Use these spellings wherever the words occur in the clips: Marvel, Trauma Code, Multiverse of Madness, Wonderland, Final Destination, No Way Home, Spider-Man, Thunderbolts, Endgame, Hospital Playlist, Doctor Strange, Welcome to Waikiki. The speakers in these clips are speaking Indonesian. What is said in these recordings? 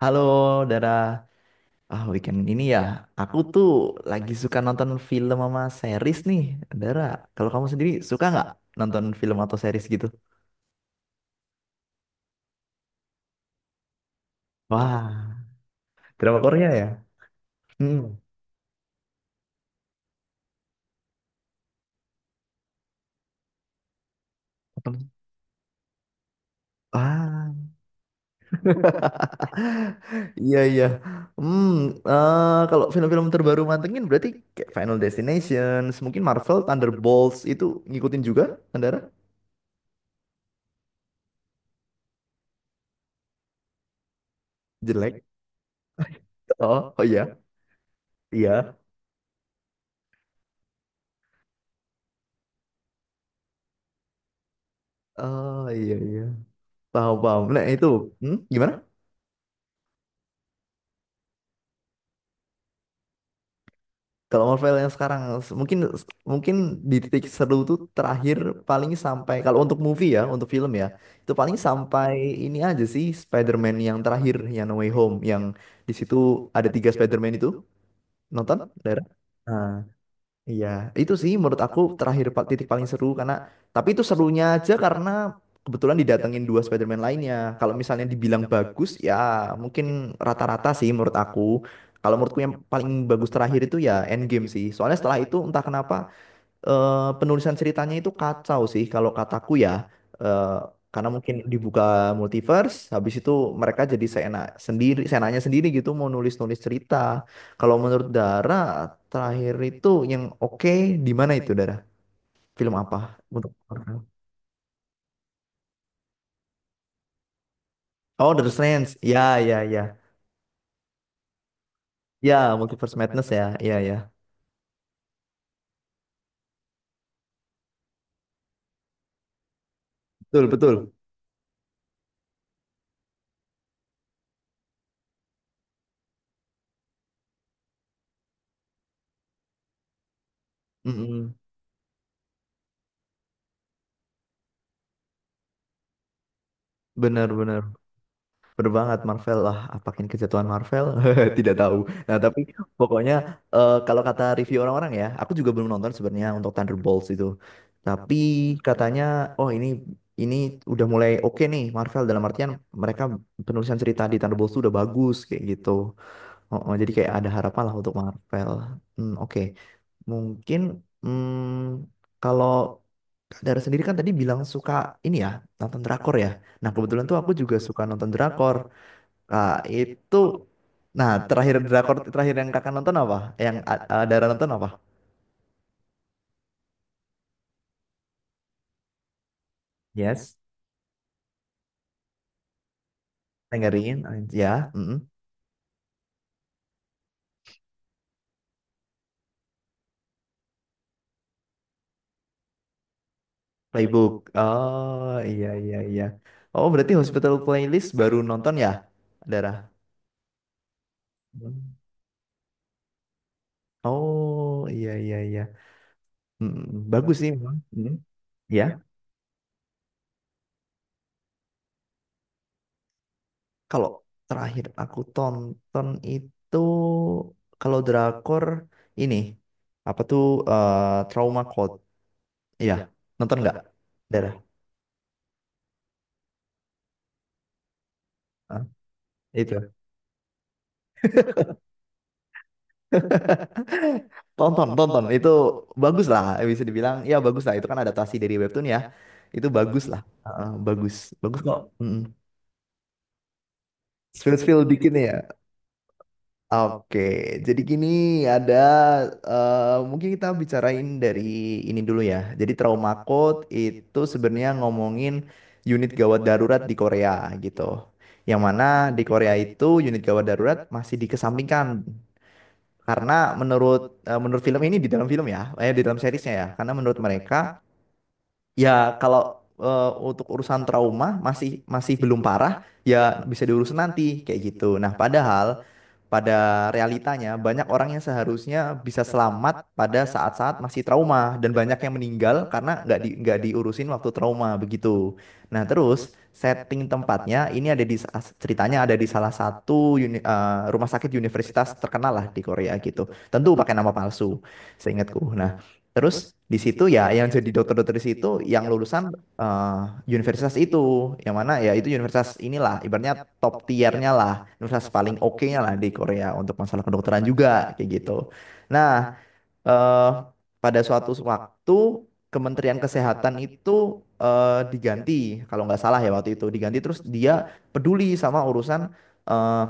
Halo, Dara. Weekend ini ya, aku tuh lagi suka nonton film sama series nih, Dara. Kalau kamu sendiri suka nggak nonton film atau series gitu? Wah, drama Korea ya? Hmm. Nonton. Ah, Iya, iya. Hmm, Kalau film-film terbaru mantengin berarti kayak Final Destination, mungkin Marvel, Thunderbolts itu ngikutin juga, kan, Dara? Jelek. Oh, oh iya. Iya. Oh iya iya. Paham paham. Nah, itu. Hmm, gimana? Kalau Marvel yang sekarang mungkin mungkin di titik seru tuh terakhir paling sampai kalau untuk movie ya, untuk film ya, itu paling sampai ini aja sih Spider-Man yang terakhir yang No Way Home yang di situ ada tiga Spider-Man itu nonton? Daerah? Iya, itu sih menurut aku terakhir titik paling seru karena tapi itu serunya aja karena kebetulan didatengin dua Spider-Man lainnya. Kalau misalnya dibilang bagus ya mungkin rata-rata sih menurut aku. Kalau menurutku yang paling bagus terakhir itu ya Endgame sih. Soalnya setelah itu entah kenapa eh, penulisan ceritanya itu kacau sih kalau kataku ya. Eh, karena mungkin dibuka multiverse, habis itu mereka jadi seenak sendiri, seenaknya sendiri gitu mau nulis-nulis cerita. Kalau menurut Dara, terakhir itu yang oke di mana itu Dara? Film apa? Untuk Oh, The Strange. Ya, ya, ya. Ya, Multiverse Madness ya. Ya, ya. Betul, betul. Mm-mm. Benar, benar. Bener banget Marvel lah, apakin kejatuhan Marvel? Tidak tahu. Nah, tapi pokoknya kalau kata review orang-orang ya, aku juga belum nonton sebenarnya untuk Thunderbolts itu. Tapi katanya, oh ini udah mulai oke nih Marvel dalam artian mereka penulisan cerita di Thunderbolts itu udah bagus kayak gitu. Oh, oh, jadi kayak ada harapan lah untuk Marvel. Hmm, oke. Mungkin hmm, kalau Kak Dara sendiri kan tadi bilang suka ini ya, nonton drakor ya. Nah, kebetulan tuh aku juga suka nonton drakor. Nah, itu nah terakhir drakor terakhir yang kakak nonton apa? Yang Dara nonton apa? Yes, Tangerine, ya, mm-mm. Playbook. Oh iya iya iya. Oh berarti Hospital Playlist baru nonton ya, Dara? Hmm. Oh iya iya iya. Mm-mm. Bagus sih memang. Ya, kalau terakhir aku tonton itu kalau drakor ini apa tuh Trauma Code? Iya, nonton nggak, Dara? Itu tonton tonton itu bagus lah bisa dibilang ya bagus lah itu kan adaptasi dari webtoon ya itu bagus lah. Heeh, bagus bagus kok. Mm-mm. Spill-spill dikit nih ya oke jadi gini ada mungkin kita bicarain dari ini dulu ya jadi trauma code itu sebenarnya ngomongin unit gawat darurat di Korea gitu yang mana di Korea itu unit gawat darurat masih dikesampingkan. Karena menurut menurut film ini di dalam film ya, eh di dalam seriesnya ya. Karena menurut mereka ya, kalau untuk urusan trauma masih masih belum parah, ya bisa diurus nanti kayak gitu. Nah, padahal pada realitanya banyak orang yang seharusnya bisa selamat pada saat-saat masih trauma dan banyak yang meninggal karena nggak diurusin waktu trauma begitu. Nah, terus setting tempatnya ini ada di ceritanya ada di salah satu rumah sakit universitas terkenal lah di Korea gitu. Tentu pakai nama palsu, seingatku. Nah, di situ ya yang jadi dokter-dokter di situ yang lulusan eh, universitas itu, yang mana ya itu universitas inilah, ibaratnya top tiernya lah, universitas paling oke-nya lah di Korea untuk masalah kedokteran juga kayak gitu. Nah, eh, pada suatu waktu Kementerian Kesehatan itu diganti, kalau nggak salah ya waktu itu diganti, terus dia peduli sama urusan eh,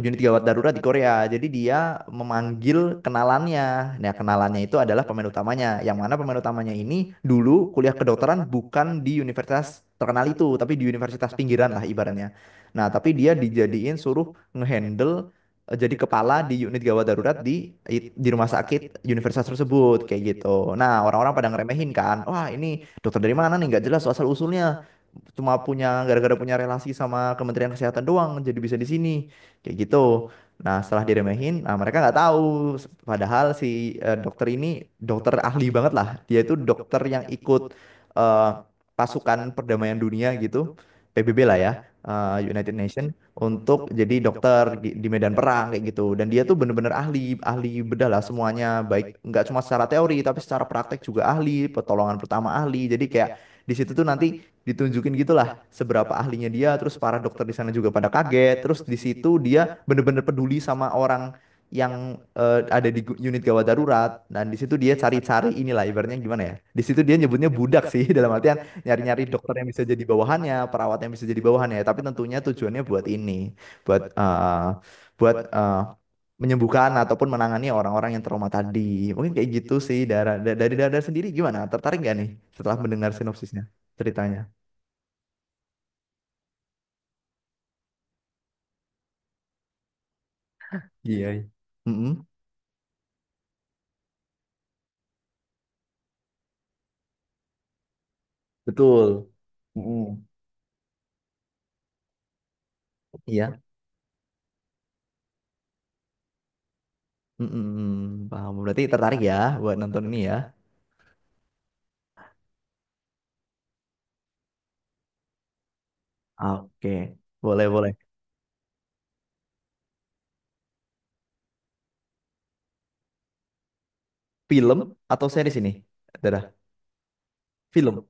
unit gawat darurat di Korea. Jadi dia memanggil kenalannya. Nah, kenalannya itu adalah pemain utamanya. Yang mana pemain utamanya ini dulu kuliah kedokteran bukan di universitas terkenal itu, tapi di universitas pinggiran lah ibaratnya. Nah, tapi dia dijadiin suruh ngehandle jadi kepala di unit gawat darurat di rumah sakit universitas tersebut kayak gitu. Nah, orang-orang pada ngeremehin kan. Wah, ini dokter dari mana nih? Nggak jelas asal usulnya cuma punya gara-gara punya relasi sama Kementerian Kesehatan doang jadi bisa di sini kayak gitu nah setelah diremehin nah mereka nggak tahu padahal si dokter ini dokter ahli banget lah dia itu dokter yang ikut eh, pasukan perdamaian dunia gitu PBB lah ya United Nation untuk jadi dokter di medan perang kayak gitu dan dia tuh bener-bener ahli ahli bedah lah semuanya baik nggak cuma secara teori tapi secara praktek juga ahli pertolongan pertama ahli jadi kayak di situ tuh nanti ditunjukin gitulah seberapa ahlinya dia terus para dokter di sana juga pada kaget terus di situ dia bener-bener peduli sama orang yang ada di unit gawat darurat dan di situ dia cari-cari inilah ibaratnya gimana ya di situ dia nyebutnya budak sih dalam artian nyari-nyari dokter yang bisa jadi bawahannya perawat yang bisa jadi bawahannya tapi tentunya tujuannya buat ini buat buat menyembuhkan ataupun menangani orang-orang yang trauma tadi mungkin kayak gitu sih dari dari Dara sendiri gimana tertarik gak nih setelah mendengar sinopsisnya ceritanya. Iya. Mm-mm, betul. Mm-mm. Iya. Mm-mm, paham. Berarti tertarik ya buat nonton ini ya. Oke. Boleh, boleh. Film atau series ini? Dadah. Film.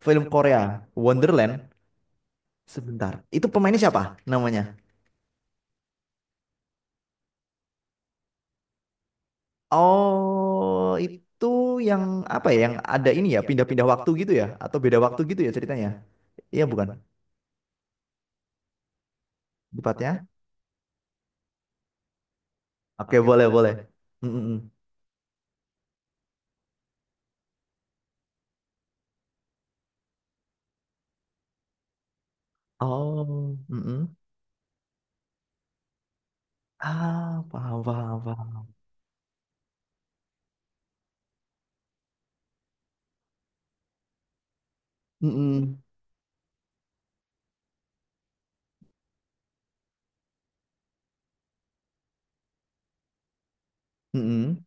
Film Korea. Wonderland. Sebentar. Itu pemainnya siapa namanya? Oh, itu yang apa ya? Yang ada ini ya, pindah-pindah waktu gitu ya? Atau beda waktu gitu ya ceritanya? Iya bukan? Tepatnya? Oke, boleh, boleh. Mm-mm. Oh, mm-mm. Ah, paham, paham, paham. Mm-mm. Mm-mm.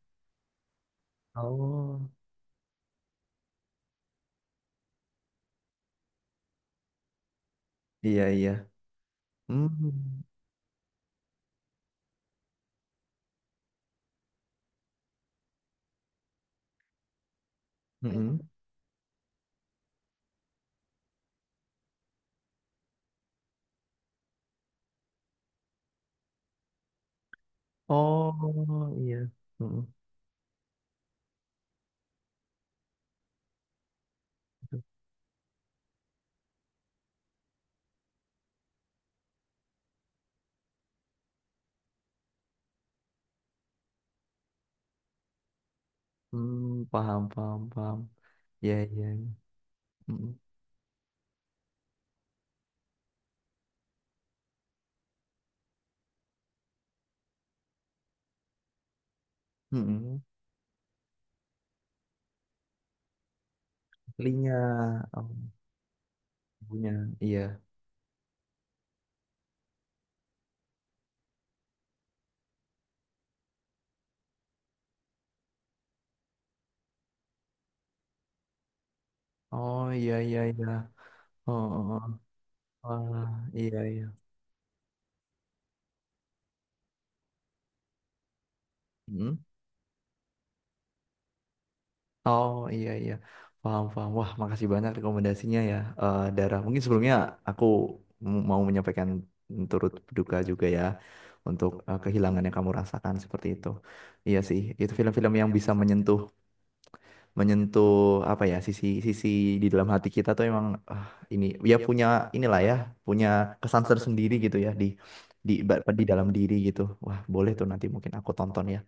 Oh, iya iya. Mm. Mm-mm. Oh iya. Mm-mm. Mm, paham paham paham. Iya iya. Mm-mm. Mm-mm. Linya, oh, punya. Iya. Oh iya iya iya. Oh, oh, oh. Wah, iya iya. Oh iya iya paham paham wah makasih banyak rekomendasinya ya Dara mungkin sebelumnya aku mau menyampaikan turut berduka juga ya untuk kehilangan yang kamu rasakan seperti itu iya sih itu film-film yang bisa menyentuh menyentuh apa ya sisi sisi di dalam hati kita tuh emang ah, ini ya punya inilah ya punya kesan tersendiri gitu ya di di di dalam diri gitu wah boleh tuh nanti mungkin aku tonton ya.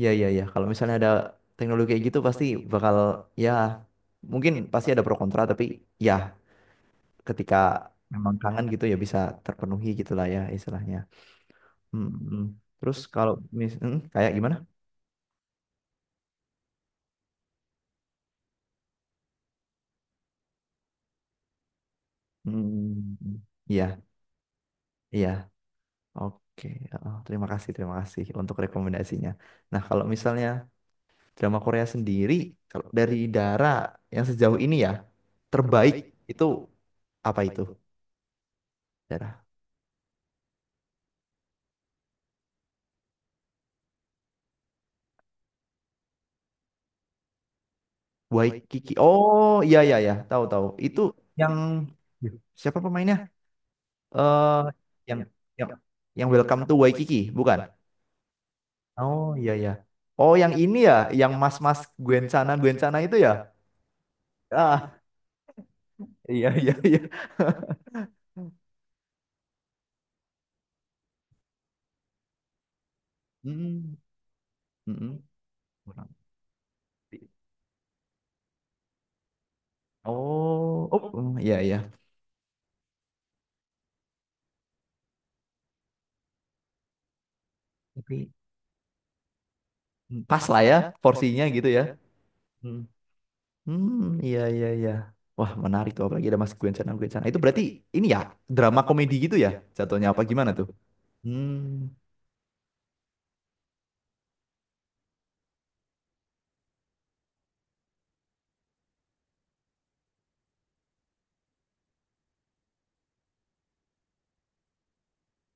Iya, iya, iya. Kalau misalnya ada teknologi kayak gitu pasti bakal, ya mungkin pasti ada pro kontra, tapi ya ketika memang kangen gitu ya bisa terpenuhi gitulah ya istilahnya. Hmm, hmm. Terus kalau kayak gimana? Hmm, iya, iya. Oke, oh, terima kasih untuk rekomendasinya. Nah, kalau misalnya drama Korea sendiri, kalau dari Dara yang sejauh ini ya terbaik itu apa itu? Waikiki. Oh, iya iya ya, tahu tahu. Itu yang siapa pemainnya? Eh yang yang yang Welcome to Waikiki, bukan? Oh, iya iya. Oh, yang ini ya, yang mas-mas Gwen sana itu ya? Ah, iya iya iya. Mm, mm, kurang lebih. Oh, oh, mm, iya iya. Tapi mm, pas lah ya porsinya gitu ya. Hmm. Hmm, iya iya iya. Wah, menarik tuh apalagi ada Mas Gwen sana, Gwen sana. Itu berarti ini ya drama komedi gitu ya jatuhnya apa gimana tuh? Hmm.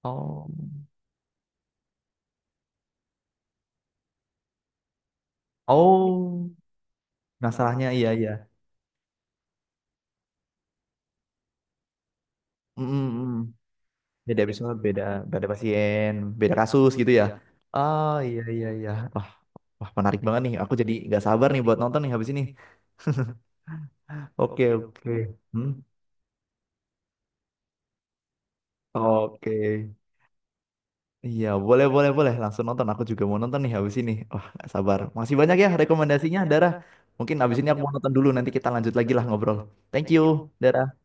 Oh. Oh, masalahnya iya iya. Mm, mm, mm. Beda episode, beda beda pasien, beda kasus gitu ya. Oh, iya iya iya. Wah, wah menarik banget nih. Aku jadi nggak sabar nih buat nonton nih habis ini. Oke, oke. Hmm. Oke. Iya, boleh, boleh, boleh. Langsung nonton. Aku juga mau nonton nih habis ini. Wah, nggak sabar. Masih banyak ya rekomendasinya, Dara. Mungkin habis ini aku mau nonton dulu. Nanti kita lanjut lagi lah ngobrol. Thank you, Dara.